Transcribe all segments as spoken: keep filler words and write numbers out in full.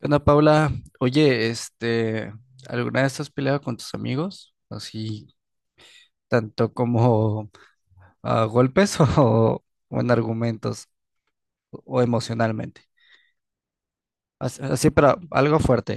¿Qué onda, Paula? Oye, este, ¿alguna vez has peleado con tus amigos? Así, tanto como a golpes o, o en argumentos o emocionalmente. As- Así, pero algo fuerte.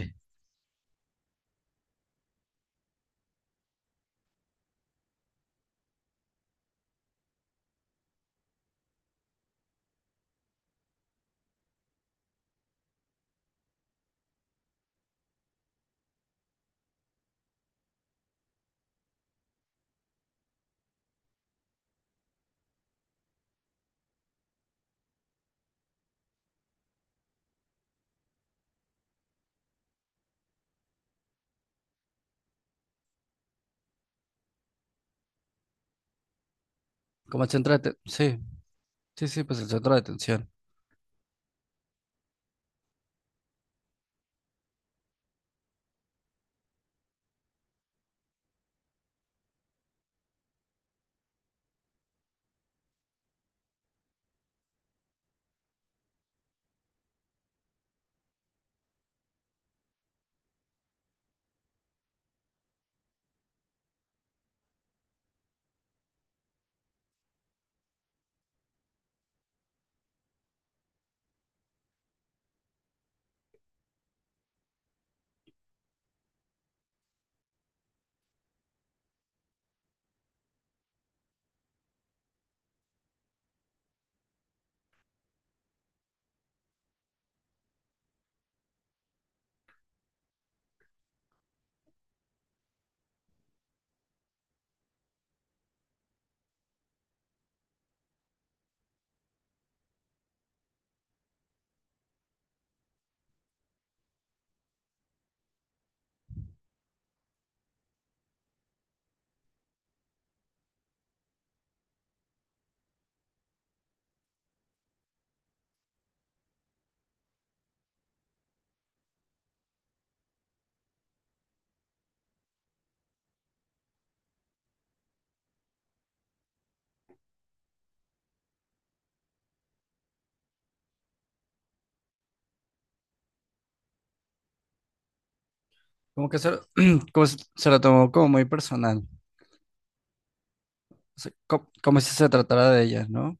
Como el centro de atención. Sí, sí, sí, pues el centro de atención. Como que se, Como se se lo tomó como muy personal. Sea, co- como, si se tratara de ellas, ¿no?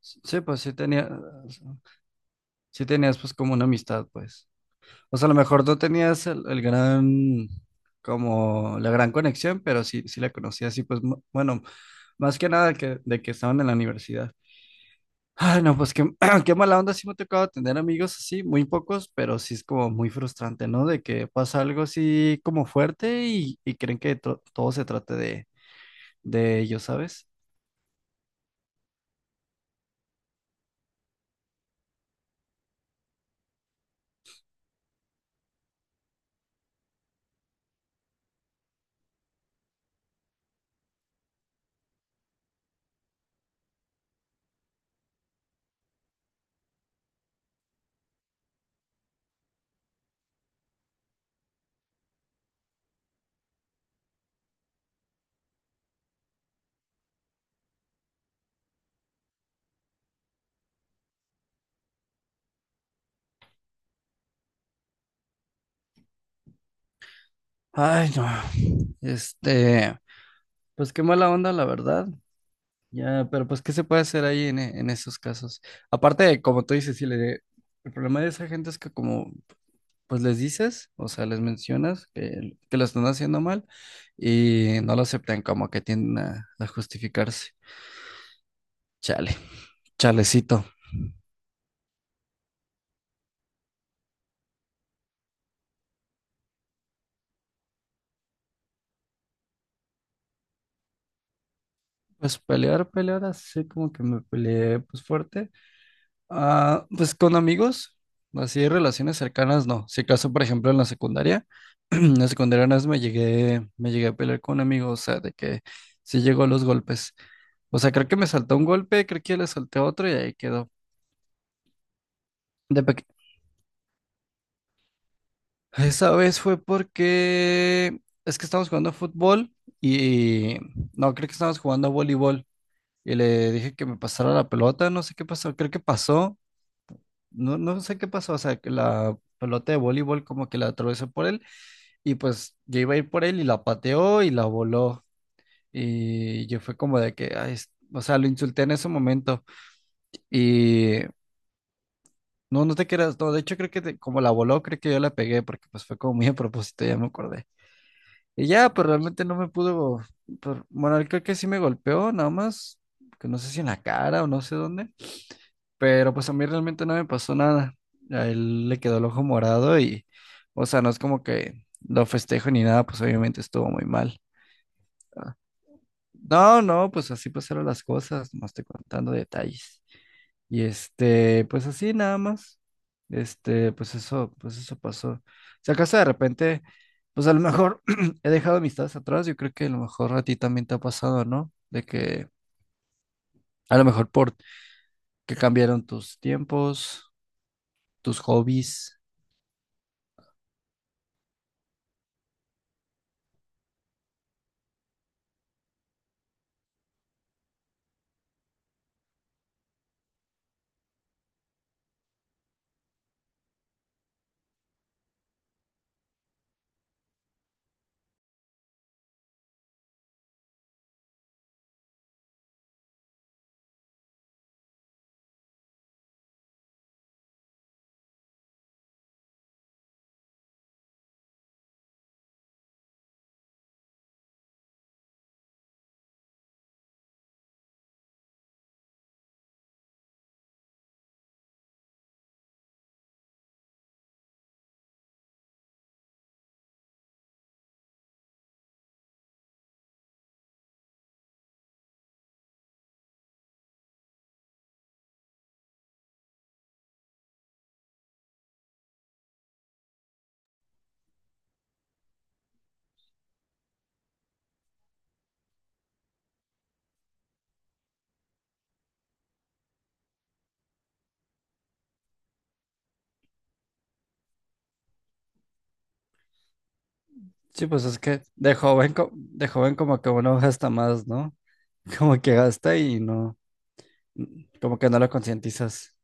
Sí, sí, pues sí tenía, sí tenías pues como una amistad, pues. O sea, a lo mejor no tenías el, el gran, como la gran conexión, pero sí, sí la conocías y pues, mu- bueno, más que nada que, de que estaban en la universidad. Ay, no, pues qué, qué mala onda, sí me ha tocado tener amigos así, muy pocos, pero sí es como muy frustrante, ¿no? De que pasa algo así como fuerte y, y creen que to- todo se trate de, de ellos, ¿sabes? Ay, no. Este, Pues qué mala onda, la verdad. Ya, pero pues, ¿qué se puede hacer ahí en, e- en esos casos? Aparte, como tú dices, sí, le- el problema de esa gente es que como, pues les dices, o sea, les mencionas que, que lo están haciendo mal y no lo aceptan, como que tienden a, a justificarse. Chale, chalecito. Pues pelear, pelear, así como que me peleé, pues fuerte. Ah, pues con amigos, así relaciones cercanas, no. Si acaso, por ejemplo, en la secundaria, en la secundaria una vez me llegué, me llegué a pelear con amigos, o sea, de que sí llegó a los golpes. O sea, creo que me saltó un golpe, creo que le salté otro y ahí quedó. De peque- Esa vez fue porque es que estábamos jugando fútbol y no, creo que estábamos jugando voleibol y le dije que me pasara la pelota, no sé qué pasó, creo que pasó no, no sé qué pasó, o sea, que la pelota de voleibol como que la atravesó por él y pues yo iba a ir por él y la pateó y la voló y yo fue como de que, ay, es- o sea, lo insulté en ese momento y no, no te creas, no, de hecho creo que te- como la voló, creo que yo la pegué porque pues fue como muy a propósito, ya me acordé. Y ya, pero realmente no me pudo, pero, bueno, él creo que sí me golpeó, nada más, que no sé si en la cara o no sé dónde. Pero pues a mí realmente no me pasó nada. A él le quedó el ojo morado y, o sea, no es como que lo festejo ni nada, pues obviamente estuvo muy mal. Ah. No, no, pues así pasaron las cosas, nomás estoy contando detalles. Y este, pues así nada más. Este, pues eso, pues eso pasó. Si acaso de repente, pues a lo mejor he dejado amistades atrás, yo creo que a lo mejor a ti también te ha pasado, ¿no? De que a lo mejor por que cambiaron tus tiempos, tus hobbies. Sí, pues es que de joven, co- de joven como que uno gasta más, ¿no? Como que gasta y no, como que no lo concientizas.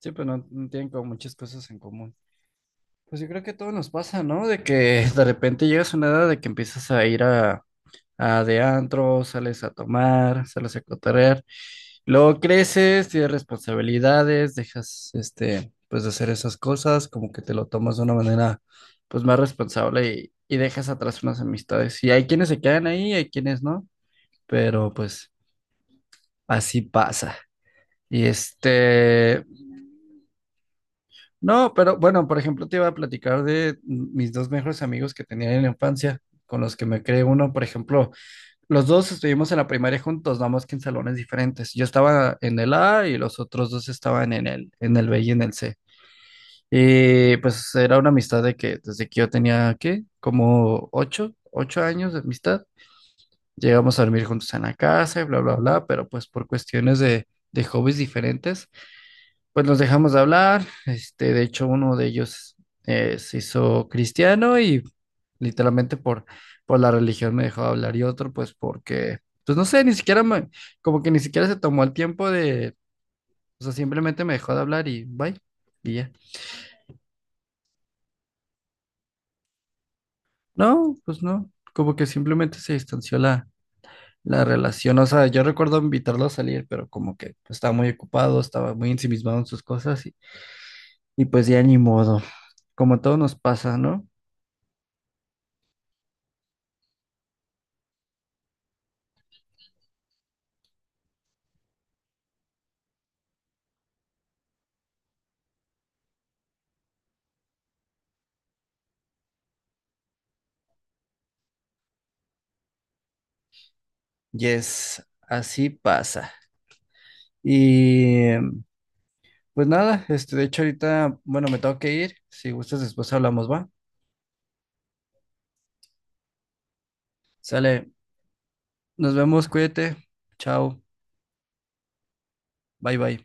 Sí, pues no, no tienen como muchas cosas en común. Pues yo creo que a todos nos pasa, ¿no? De que de repente llegas a una edad de que empiezas a ir a, a de antro, sales a tomar, sales a cotorrear, luego creces, tienes responsabilidades, dejas este, pues de hacer esas cosas, como que te lo tomas de una manera pues más responsable y, y dejas atrás unas amistades. Y hay quienes se quedan ahí, hay quienes no, pero pues así pasa. Y este, no, pero bueno, por ejemplo, te iba a platicar de mis dos mejores amigos que tenía en la infancia, con los que me creé uno, por ejemplo, los dos estuvimos en la primaria juntos, nada más que en salones diferentes. Yo estaba en el A y los otros dos estaban en el, en el B y en el C. Y pues era una amistad de que desde que yo tenía, ¿qué? Como ocho, ocho años de amistad. Llegamos a dormir juntos en la casa y bla, bla, bla, pero pues por cuestiones de, de hobbies diferentes pues nos dejamos de hablar, este, de hecho uno de ellos eh, se hizo cristiano y literalmente por, por la religión me dejó de hablar y otro pues porque, pues no sé, ni siquiera me, como que ni siquiera se tomó el tiempo de, o sea, simplemente me dejó de hablar y bye, y ya. No, pues no, como que simplemente se distanció la, la relación, o sea, yo recuerdo invitarlo a salir, pero como que estaba muy ocupado, estaba muy ensimismado en sus cosas y, y pues ya ni modo, como todo nos pasa, ¿no? Yes, así pasa. Y em, pues nada, este, de hecho ahorita, bueno, me tengo que ir. Si gustas, después hablamos, ¿va? Sale, nos vemos, cuídate. Chao, bye bye.